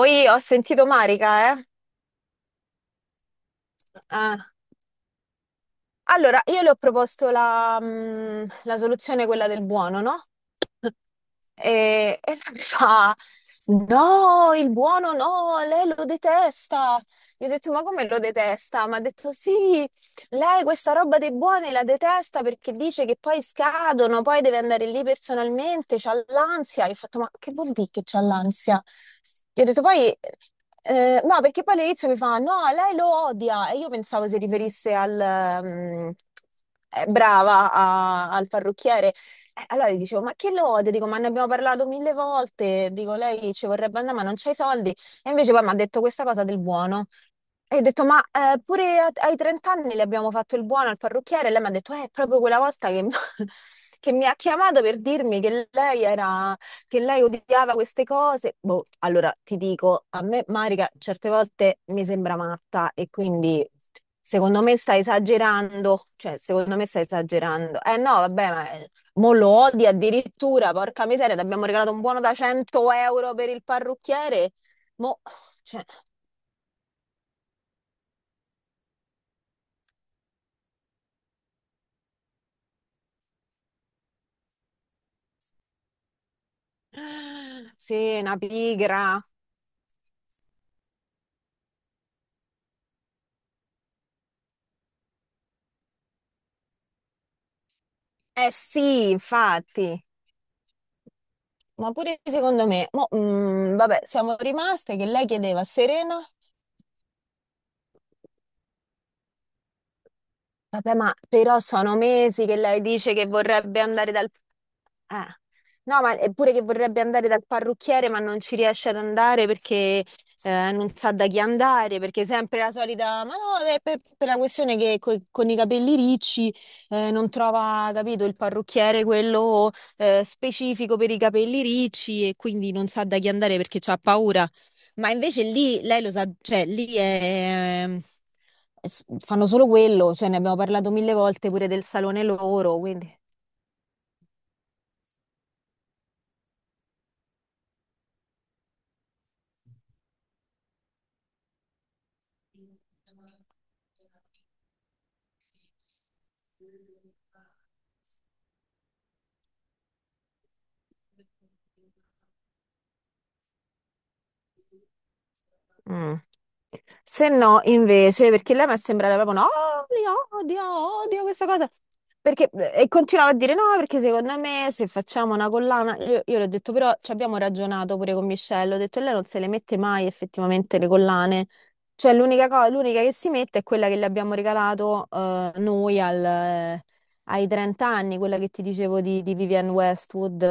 Oi, ho sentito Marica, eh? Eh. Allora, io le ho proposto la, la soluzione, quella del buono, no? E lei mi fa, no, il buono no, lei lo detesta. Gli ho detto, ma come lo detesta? Mi ha detto, sì, lei questa roba dei buoni la detesta perché dice che poi scadono, poi deve andare lì personalmente, c'ha l'ansia. Io ho fatto, ma che vuol dire che c'ha l'ansia? Gli ho detto, poi... no, perché poi all'inizio mi fa, no, lei lo odia. E io pensavo si riferisse al... mm, brava al parrucchiere. Allora gli dicevo, ma che lode? Dico, ma ne abbiamo parlato mille volte. Dico, lei ci vorrebbe andare, ma non c'hai soldi. E invece poi mi ha detto questa cosa del buono. E io ho detto, ma pure ai 30 anni le abbiamo fatto il buono al parrucchiere. E lei mi ha detto, è proprio quella volta che, che mi ha chiamato per dirmi che lei era, che lei odiava queste cose. Boh, allora ti dico, a me Marica certe volte mi sembra matta e quindi... Secondo me sta esagerando, cioè secondo me sta esagerando. Eh no, vabbè, ma mo lo odia addirittura, porca miseria, ti abbiamo regalato un buono da 100 euro per il parrucchiere. Mo, cioè, sì, una pigra. Eh sì, infatti. Ma pure secondo me, mo, vabbè, siamo rimaste che lei chiedeva a Serena. Vabbè, ma però sono mesi che lei dice che vorrebbe andare dal... Eh. No, ma è pure che vorrebbe andare dal parrucchiere, ma non ci riesce ad andare perché non sa da chi andare, perché è sempre la solita... Ma no, è per la questione che con i capelli ricci non trova, capito, il parrucchiere quello specifico per i capelli ricci e quindi non sa da chi andare perché ha paura, ma invece lì lei lo sa, cioè lì è fanno solo quello, cioè ne abbiamo parlato mille volte pure del salone loro, quindi. Mm. Se no, invece, perché lei mi è sembrata proprio no, li odio questa cosa. Perché, e continuava a dire no, perché secondo me se facciamo una collana, io le ho detto, però ci abbiamo ragionato pure con Michelle, ho detto lei non se le mette mai effettivamente le collane, cioè l'unica cosa, l'unica che si mette è quella che le abbiamo regalato noi ai 30 anni, quella che ti dicevo di Vivienne Westwood.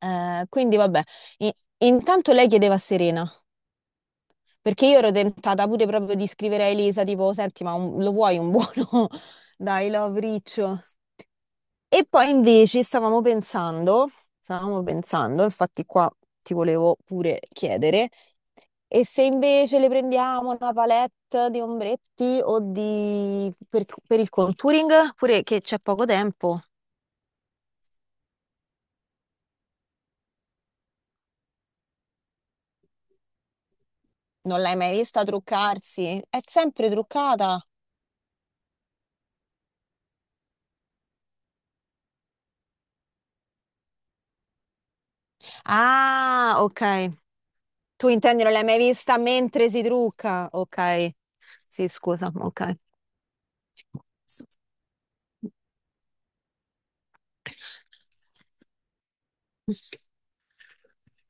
Quindi vabbè, I- intanto lei chiedeva a Serena. Perché io ero tentata pure proprio di scrivere a Elisa, tipo, senti, ma lo vuoi un buono? Dai, love riccio. E poi invece stavamo pensando, infatti qua ti volevo pure chiedere, e se invece le prendiamo una palette di ombretti o di... per il contouring, pure che c'è poco tempo. Non l'hai mai vista truccarsi? È sempre truccata. Ah, ok. Tu intendi, non l'hai mai vista mentre si trucca? Ok, sì, scusa, ok.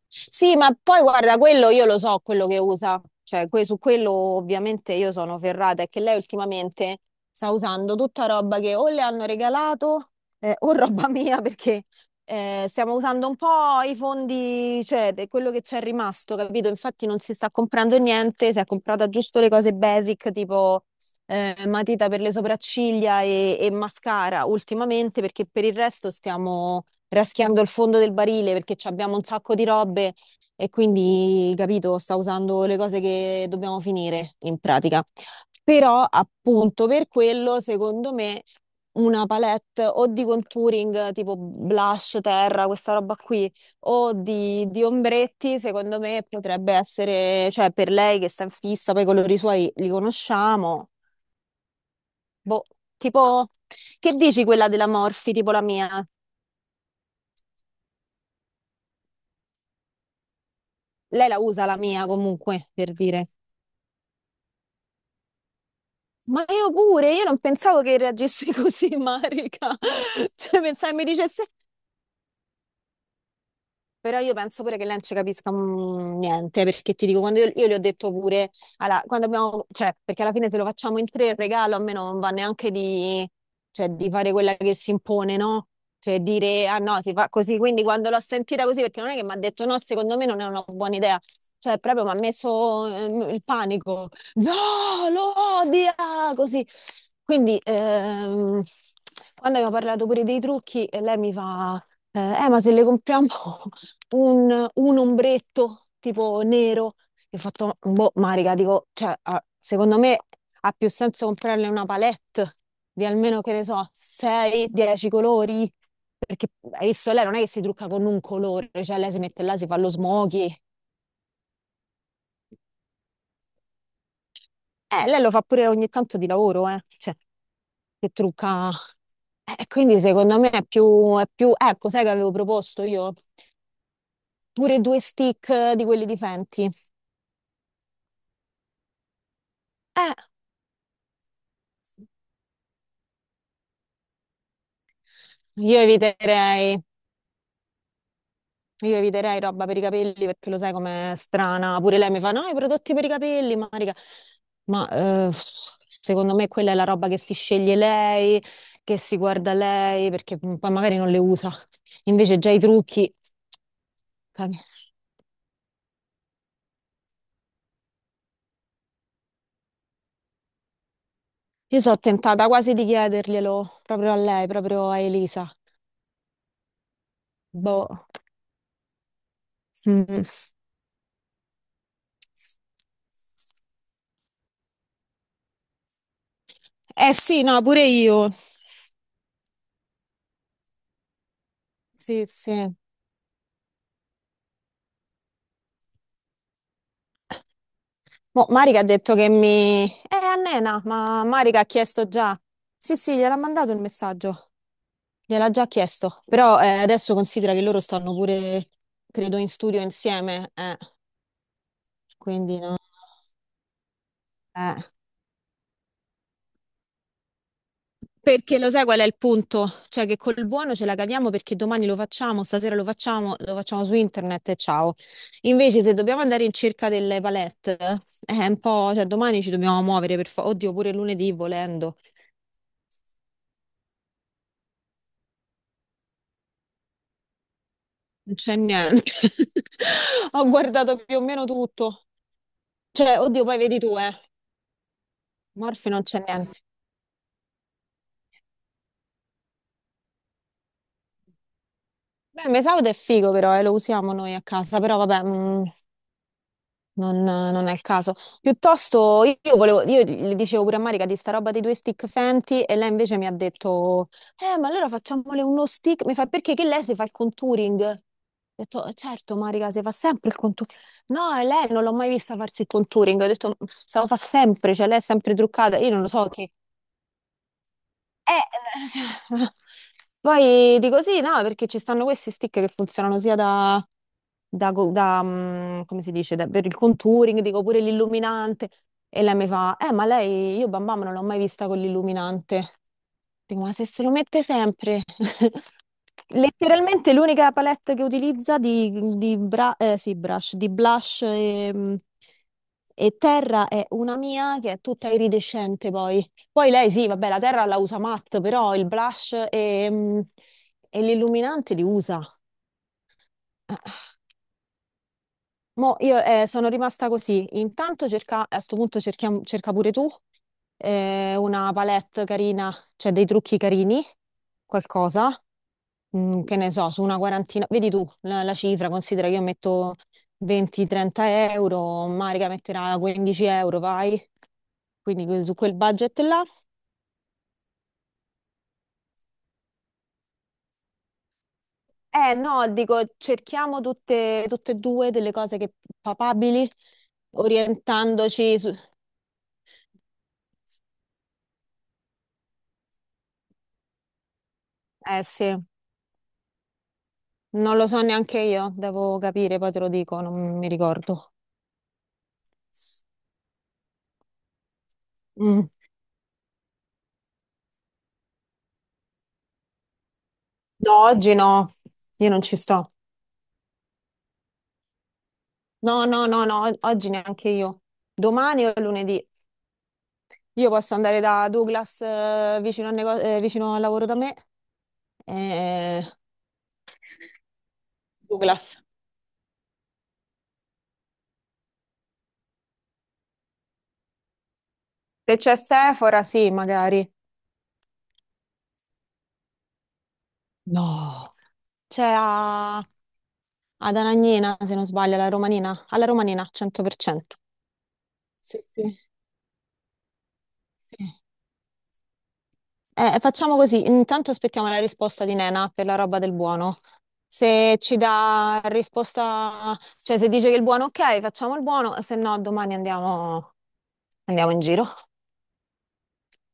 Sì, ma poi guarda, quello io lo so, quello che usa, cioè su quello ovviamente io sono ferrata, è che lei ultimamente sta usando tutta roba che o le hanno regalato o roba mia, perché stiamo usando un po' i fondi, cioè per quello che c'è rimasto, capito? Infatti non si sta comprando niente, si è comprata giusto le cose basic, tipo matita per le sopracciglia e mascara ultimamente, perché per il resto stiamo raschiando il fondo del barile perché ci abbiamo un sacco di robe, e quindi, capito, sta usando le cose che dobbiamo finire, in pratica. Però appunto per quello, secondo me, una palette o di contouring tipo blush, terra, questa roba qui, o di ombretti, secondo me potrebbe essere, cioè per lei che sta in fissa, poi i colori suoi li conosciamo. Boh, tipo, che dici quella della Morphy, tipo la mia? Lei la usa la mia comunque, per dire. Ma io pure, io non pensavo che reagisse così, Marica. Cioè, pensavo mi dicesse. Però io penso pure che lei non ci capisca niente, perché ti dico, quando io le ho detto pure, allora, quando abbiamo, cioè, perché alla fine se lo facciamo in tre il regalo a me non va neanche di, cioè, di fare quella che si impone, no? Cioè dire, ah no, si fa così, quindi quando l'ho sentita così, perché non è che mi ha detto no, secondo me non è una buona idea, cioè proprio mi ha messo il panico, no, lo odia, così. Quindi, quando abbiamo parlato pure dei trucchi, lei mi fa... Eh, ma se le compriamo un ombretto tipo nero. Io ho fatto, boh, Marica, dico, cioè, ah, secondo me ha più senso comprarle una palette di almeno, che ne so, 6-10 colori, perché hai visto, lei non è che si trucca con un colore, cioè lei si mette là, si fa lo smokey. Lei lo fa pure ogni tanto di lavoro, cioè, che trucca. E quindi secondo me è più, ecco, sai che avevo proposto io? Pure due stick di quelli di Fenty. Eh, io eviterei. Io eviterei roba per i capelli perché lo sai com'è strana. Pure lei mi fa: No, i prodotti per i capelli, Marica. Ma eh, secondo me quella è la roba che si sceglie lei, che si guarda lei, perché poi magari non le usa. Invece già i trucchi. Cambia. Io sono tentata quasi di chiederglielo proprio a lei, proprio a Elisa. Boh. Mm. Eh sì, no, pure io. Sì, sì. Boh, Marica ha detto che mi... Annena, ma Marica ha chiesto già. Sì, sì, gliel'ha mandato il messaggio. Gliel'ha già chiesto. Però adesso considera che loro stanno pure, credo, in studio insieme. Quindi no. Eh. Perché lo sai qual è il punto? Cioè che col buono ce la caviamo perché domani lo facciamo, stasera lo facciamo su internet e ciao. Invece se dobbiamo andare in cerca delle palette, è un po'... Cioè domani ci dobbiamo muovere per... Oddio, pure lunedì volendo. Non c'è niente. Ho guardato più o meno tutto. Cioè, oddio, poi vedi tu, eh. Morfi non c'è niente. Beh, Mesaud è figo però, lo usiamo noi a casa, però vabbè. Non è il caso. Piuttosto, io volevo, io le dicevo pure a Marica di sta roba dei due stick Fenty, e lei invece mi ha detto, ma allora facciamole uno stick. Mi fa, perché che lei si fa il contouring? Ho detto, certo, Marica, si fa sempre il contouring." No, e lei non l'ho mai vista farsi il contouring. Ho detto, se lo fa sempre, cioè lei è sempre truccata. Io non lo so che, eh, poi dico sì, no, perché ci stanno questi stick che funzionano sia da, come si dice, per il contouring, dico pure l'illuminante. E lei mi fa, ma lei, io Bam Bam non l'ho mai vista con l'illuminante. Dico, ma se lo mette sempre. Letteralmente l'unica palette che utilizza di brush, di blush e terra è una mia che è tutta iridescente poi. Poi lei sì, vabbè, la terra la usa matte, però il blush e l'illuminante li usa. Eh, Mo io sono rimasta così. Intanto cerca, a sto punto cerca pure tu una palette carina, cioè dei trucchi carini, qualcosa. Che ne so, su una quarantina, vedi tu la cifra, considera che io metto 20-30 euro, Marica metterà 15 euro, vai. Quindi su quel budget là. Eh no, dico, cerchiamo tutte e due delle cose che papabili, orientandoci su... Eh sì, non lo so neanche io, devo capire, poi te lo dico, non mi ricordo. Mm. No, oggi no, io non ci sto. No, no, no, no, oggi neanche io. Domani o lunedì. Io posso andare da Douglas vicino, al vicino al lavoro da me. eh, Douglas. Se c'è Sephora, sì, magari. No. C'è ad Anagnina, se non sbaglio, alla Romanina. Alla Romanina, 100%. Sì, sì, sì. Facciamo così, intanto aspettiamo la risposta di Nena per la roba del buono. Se ci dà risposta, cioè se dice che il buono ok, facciamo il buono, se no domani andiamo, in giro.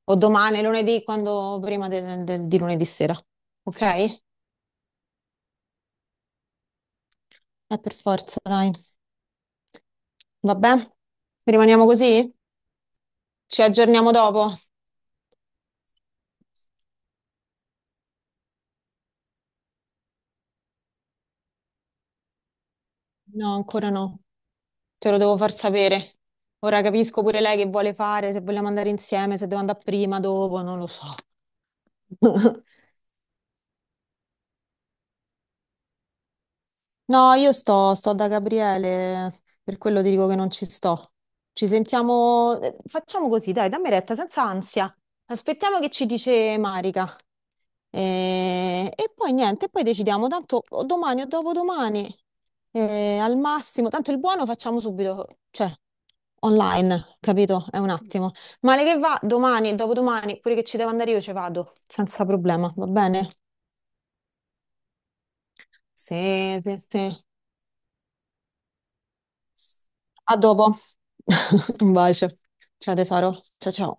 O domani, lunedì, quando prima di lunedì sera. Ok? È per forza, dai. Vabbè, rimaniamo così? Ci aggiorniamo dopo? No, ancora no. Te lo devo far sapere. Ora capisco pure lei che vuole fare, se vogliamo andare insieme, se devo andare prima, dopo, non lo so. No, io sto da Gabriele, per quello ti dico che non ci sto. Ci sentiamo, facciamo così, dai, dammi retta, senza ansia. Aspettiamo che ci dice Marica. E poi niente, poi decidiamo, tanto o domani o dopodomani, al massimo, tanto il buono facciamo subito, cioè online, capito? È un attimo. Male che va, domani e dopodomani, pure che ci devo andare io ci vado, senza problema, va bene? Sì, sì, sì. A dopo. Un bacio. Ciao tesoro. Ciao ciao.